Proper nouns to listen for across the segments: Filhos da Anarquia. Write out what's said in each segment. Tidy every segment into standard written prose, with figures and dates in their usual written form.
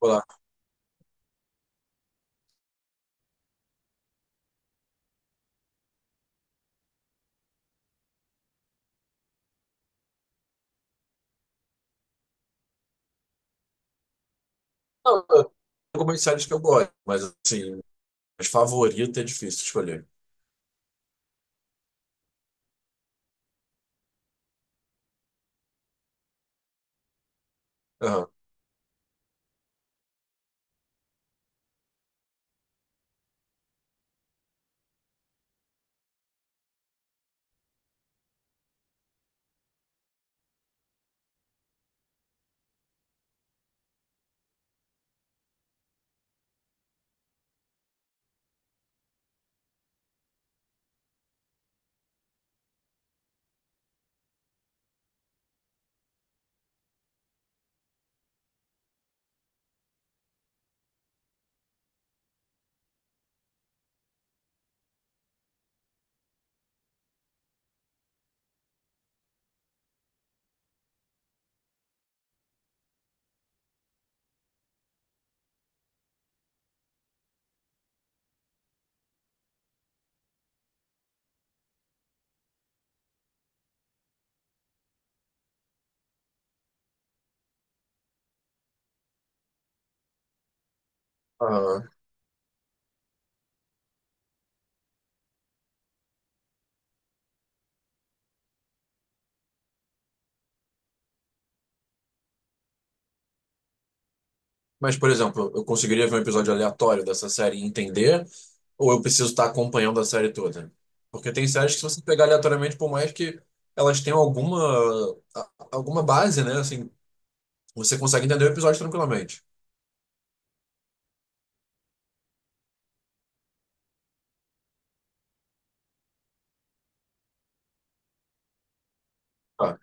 Olá. Não, eu tenho algumas séries que eu gosto, mas assim, as favoritas é difícil escolher. Aham, aham. Mas, por exemplo, eu conseguiria ver um episódio aleatório dessa série e entender, ou eu preciso estar acompanhando a série toda? Porque tem séries que se você pegar aleatoriamente, por mais que elas tenham alguma, alguma base, né? Assim, você consegue entender o episódio tranquilamente. Ah,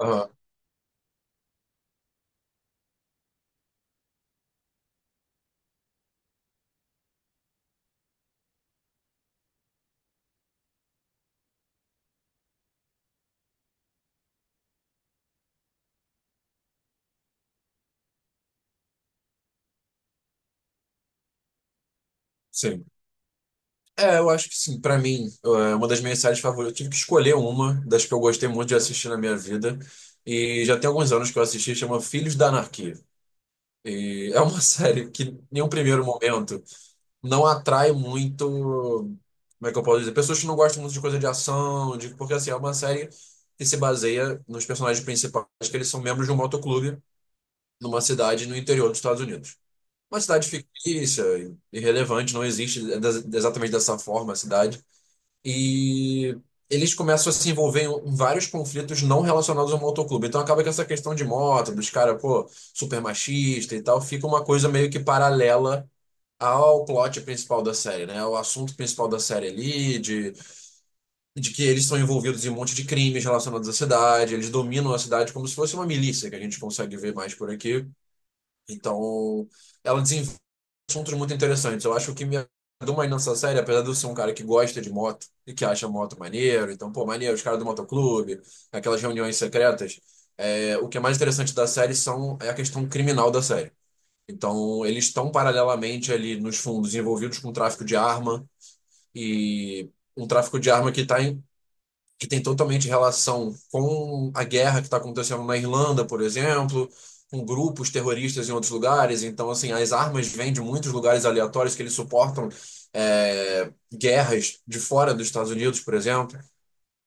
aham, sim. É, eu acho que sim. Pra mim, é uma das minhas séries favoritas. Eu tive que escolher uma das que eu gostei muito de assistir na minha vida. E já tem alguns anos que eu assisti, chama Filhos da Anarquia. E é uma série que, em um primeiro momento, não atrai muito. Como é que eu posso dizer? Pessoas que não gostam muito de coisa de ação, de porque assim, é uma série que se baseia nos personagens principais, que eles são membros de um motoclube numa cidade no interior dos Estados Unidos. Uma cidade fictícia, irrelevante, não existe exatamente dessa forma a cidade. E eles começam a se envolver em vários conflitos não relacionados ao motoclube. Então acaba que essa questão de moto, dos caras, pô, super machista e tal, fica uma coisa meio que paralela ao plot principal da série, né? O assunto principal da série ali, de que eles são envolvidos em um monte de crimes relacionados à cidade, eles dominam a cidade como se fosse uma milícia, que a gente consegue ver mais por aqui. Então, ela assuntos muito interessantes. Eu acho que o que me agradou mais nessa série, apesar de eu ser um cara que gosta de moto e que acha moto maneiro, então, pô, maneiro, os caras do motoclube, aquelas reuniões secretas, é, o que é mais interessante da série são, é a questão criminal da série. Então, eles estão paralelamente ali nos fundos envolvidos com tráfico de arma e um tráfico de arma que tem totalmente relação com a guerra que está acontecendo na Irlanda, por exemplo, com grupos terroristas em outros lugares. Então, assim, as armas vêm de muitos lugares aleatórios que eles suportam é, guerras de fora dos Estados Unidos, por exemplo.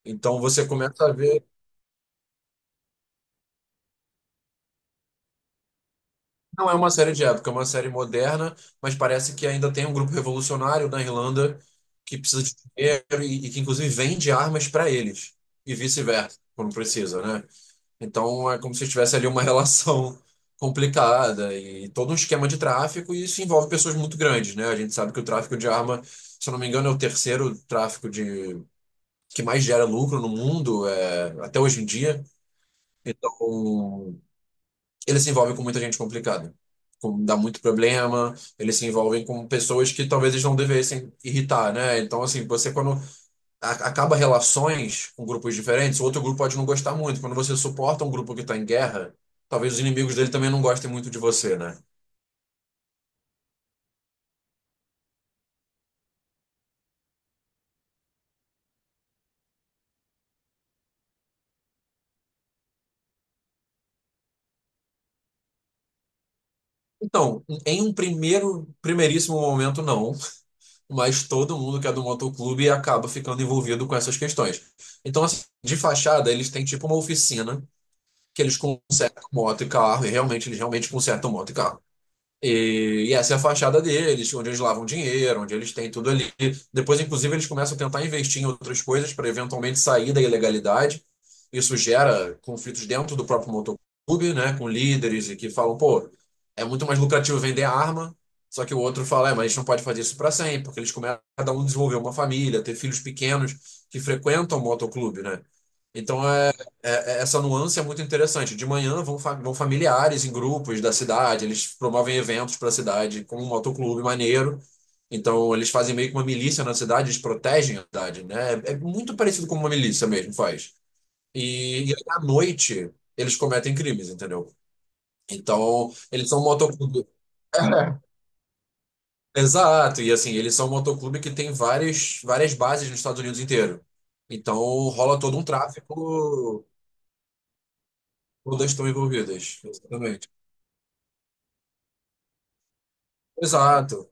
Então você começa a ver, não é uma série de época, é uma série moderna, mas parece que ainda tem um grupo revolucionário na Irlanda que precisa de dinheiro e que inclusive vende armas para eles e vice-versa, quando precisa, né? Então é como se tivesse ali uma relação complicada e todo um esquema de tráfico, e isso envolve pessoas muito grandes, né? A gente sabe que o tráfico de arma, se eu não me engano, é o terceiro tráfico de que mais gera lucro no mundo, é, até hoje em dia. Então, ele se envolve com muita gente complicada. Dá muito problema, eles se envolvem com pessoas que talvez eles não devessem irritar, né? Então, assim, você quando acaba relações com grupos diferentes, o outro grupo pode não gostar muito. Quando você suporta um grupo que está em guerra, talvez os inimigos dele também não gostem muito de você, né? Então, primeiríssimo momento, não, mas todo mundo que é do motoclube acaba ficando envolvido com essas questões. Então, assim, de fachada, eles têm tipo uma oficina que eles consertam moto e carro, eles realmente consertam moto e carro. E essa é a fachada deles, onde eles lavam dinheiro, onde eles têm tudo ali. Depois, inclusive, eles começam a tentar investir em outras coisas para eventualmente sair da ilegalidade. Isso gera conflitos dentro do próprio motoclube, né, com líderes e que falam, pô, é muito mais lucrativo vender arma. Só que o outro fala, é, mas a gente não pode fazer isso para sempre, porque eles começam a cada um desenvolver uma família, ter filhos pequenos que frequentam o motoclube, né? Então é, essa nuance é muito interessante. De manhã vão, vão familiares em grupos da cidade, eles promovem eventos para a cidade, como um motoclube maneiro. Então, eles fazem meio que uma milícia na cidade, eles protegem a cidade, né? É muito parecido com uma milícia mesmo, faz. E aí, à noite, eles cometem crimes, entendeu? Então, eles são um motoclube. Exato, e assim, eles são um motoclube que tem várias bases nos Estados Unidos inteiro. Então, rola todo um tráfico, todas estão envolvidas. Exatamente. Exato,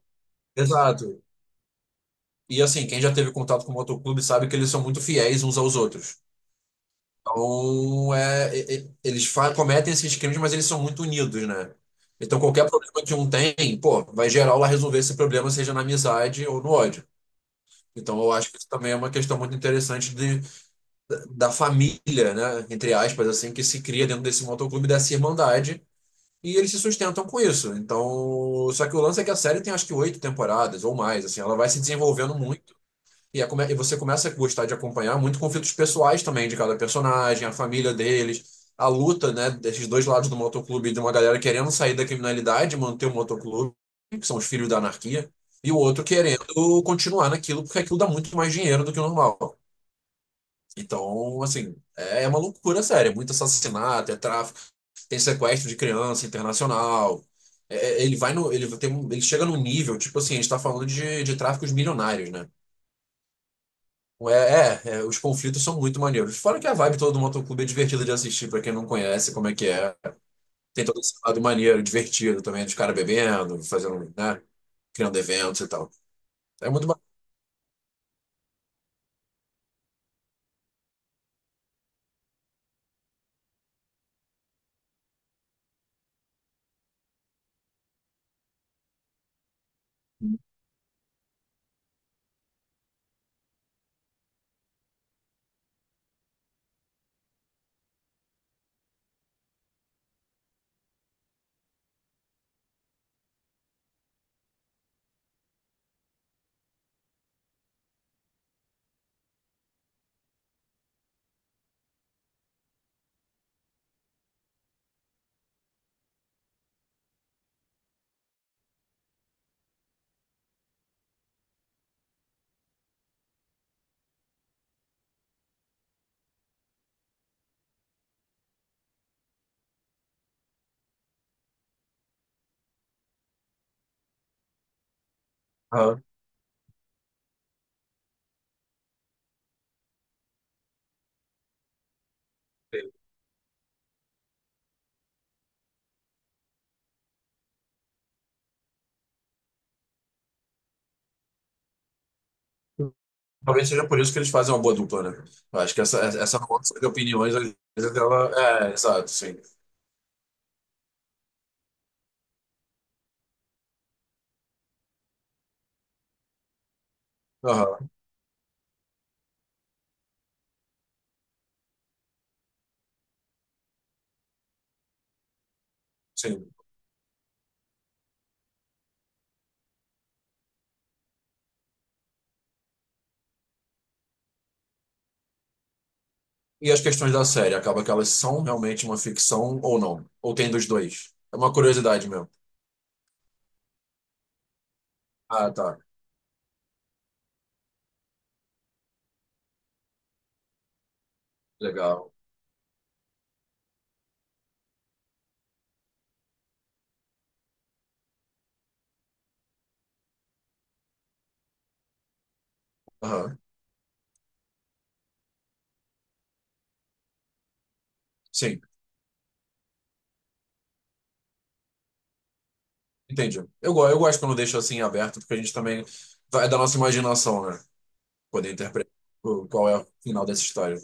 exato. E assim, quem já teve contato com o motoclube sabe que eles são muito fiéis uns aos outros. Então, é, eles cometem esses crimes, mas eles são muito unidos, né? Então, qualquer problema que um tem, pô, vai geral lá resolver esse problema, seja na amizade ou no ódio. Então, eu acho que isso também é uma questão muito interessante da família, né? Entre aspas, assim, que se cria dentro desse motoclube, dessa irmandade. E eles se sustentam com isso. Então, só que o lance é que a série tem acho que oito temporadas ou mais, assim, ela vai se desenvolvendo muito. E, e você começa a gostar de acompanhar muito conflitos pessoais também de cada personagem, a família deles, a luta, né, desses dois lados do motoclube, de uma galera querendo sair da criminalidade, manter o motoclube, que são os filhos da anarquia, e o outro querendo continuar naquilo, porque aquilo dá muito mais dinheiro do que o normal. Então, assim, é uma loucura séria, é muito assassinato, é tráfico, tem sequestro de criança internacional. É, é, ele vai no, ele tem, um- ele chega num nível, tipo assim, a gente tá falando de tráficos milionários, né? Os conflitos são muito maneiros. Fora que a vibe toda do motoclube é divertida de assistir, pra quem não conhece como é que é. Tem todo esse lado maneiro, divertido também, dos caras bebendo, fazendo, né? Criando eventos e tal. É muito bacana. Aham. Talvez seja por isso que eles fazem uma boa dupla, né? Eu acho que essa força de opiniões, às vezes, ela. É, exato, sim. Aham, sim. E as questões da série, acaba que elas são realmente uma ficção ou não? Ou tem dos dois? É uma curiosidade mesmo. Ah, tá. Legal. Aham, sim. Entendi. Eu gosto quando deixa assim aberto, porque a gente também vai é da nossa imaginação, né? Poder interpretar o- qual é o final dessa história.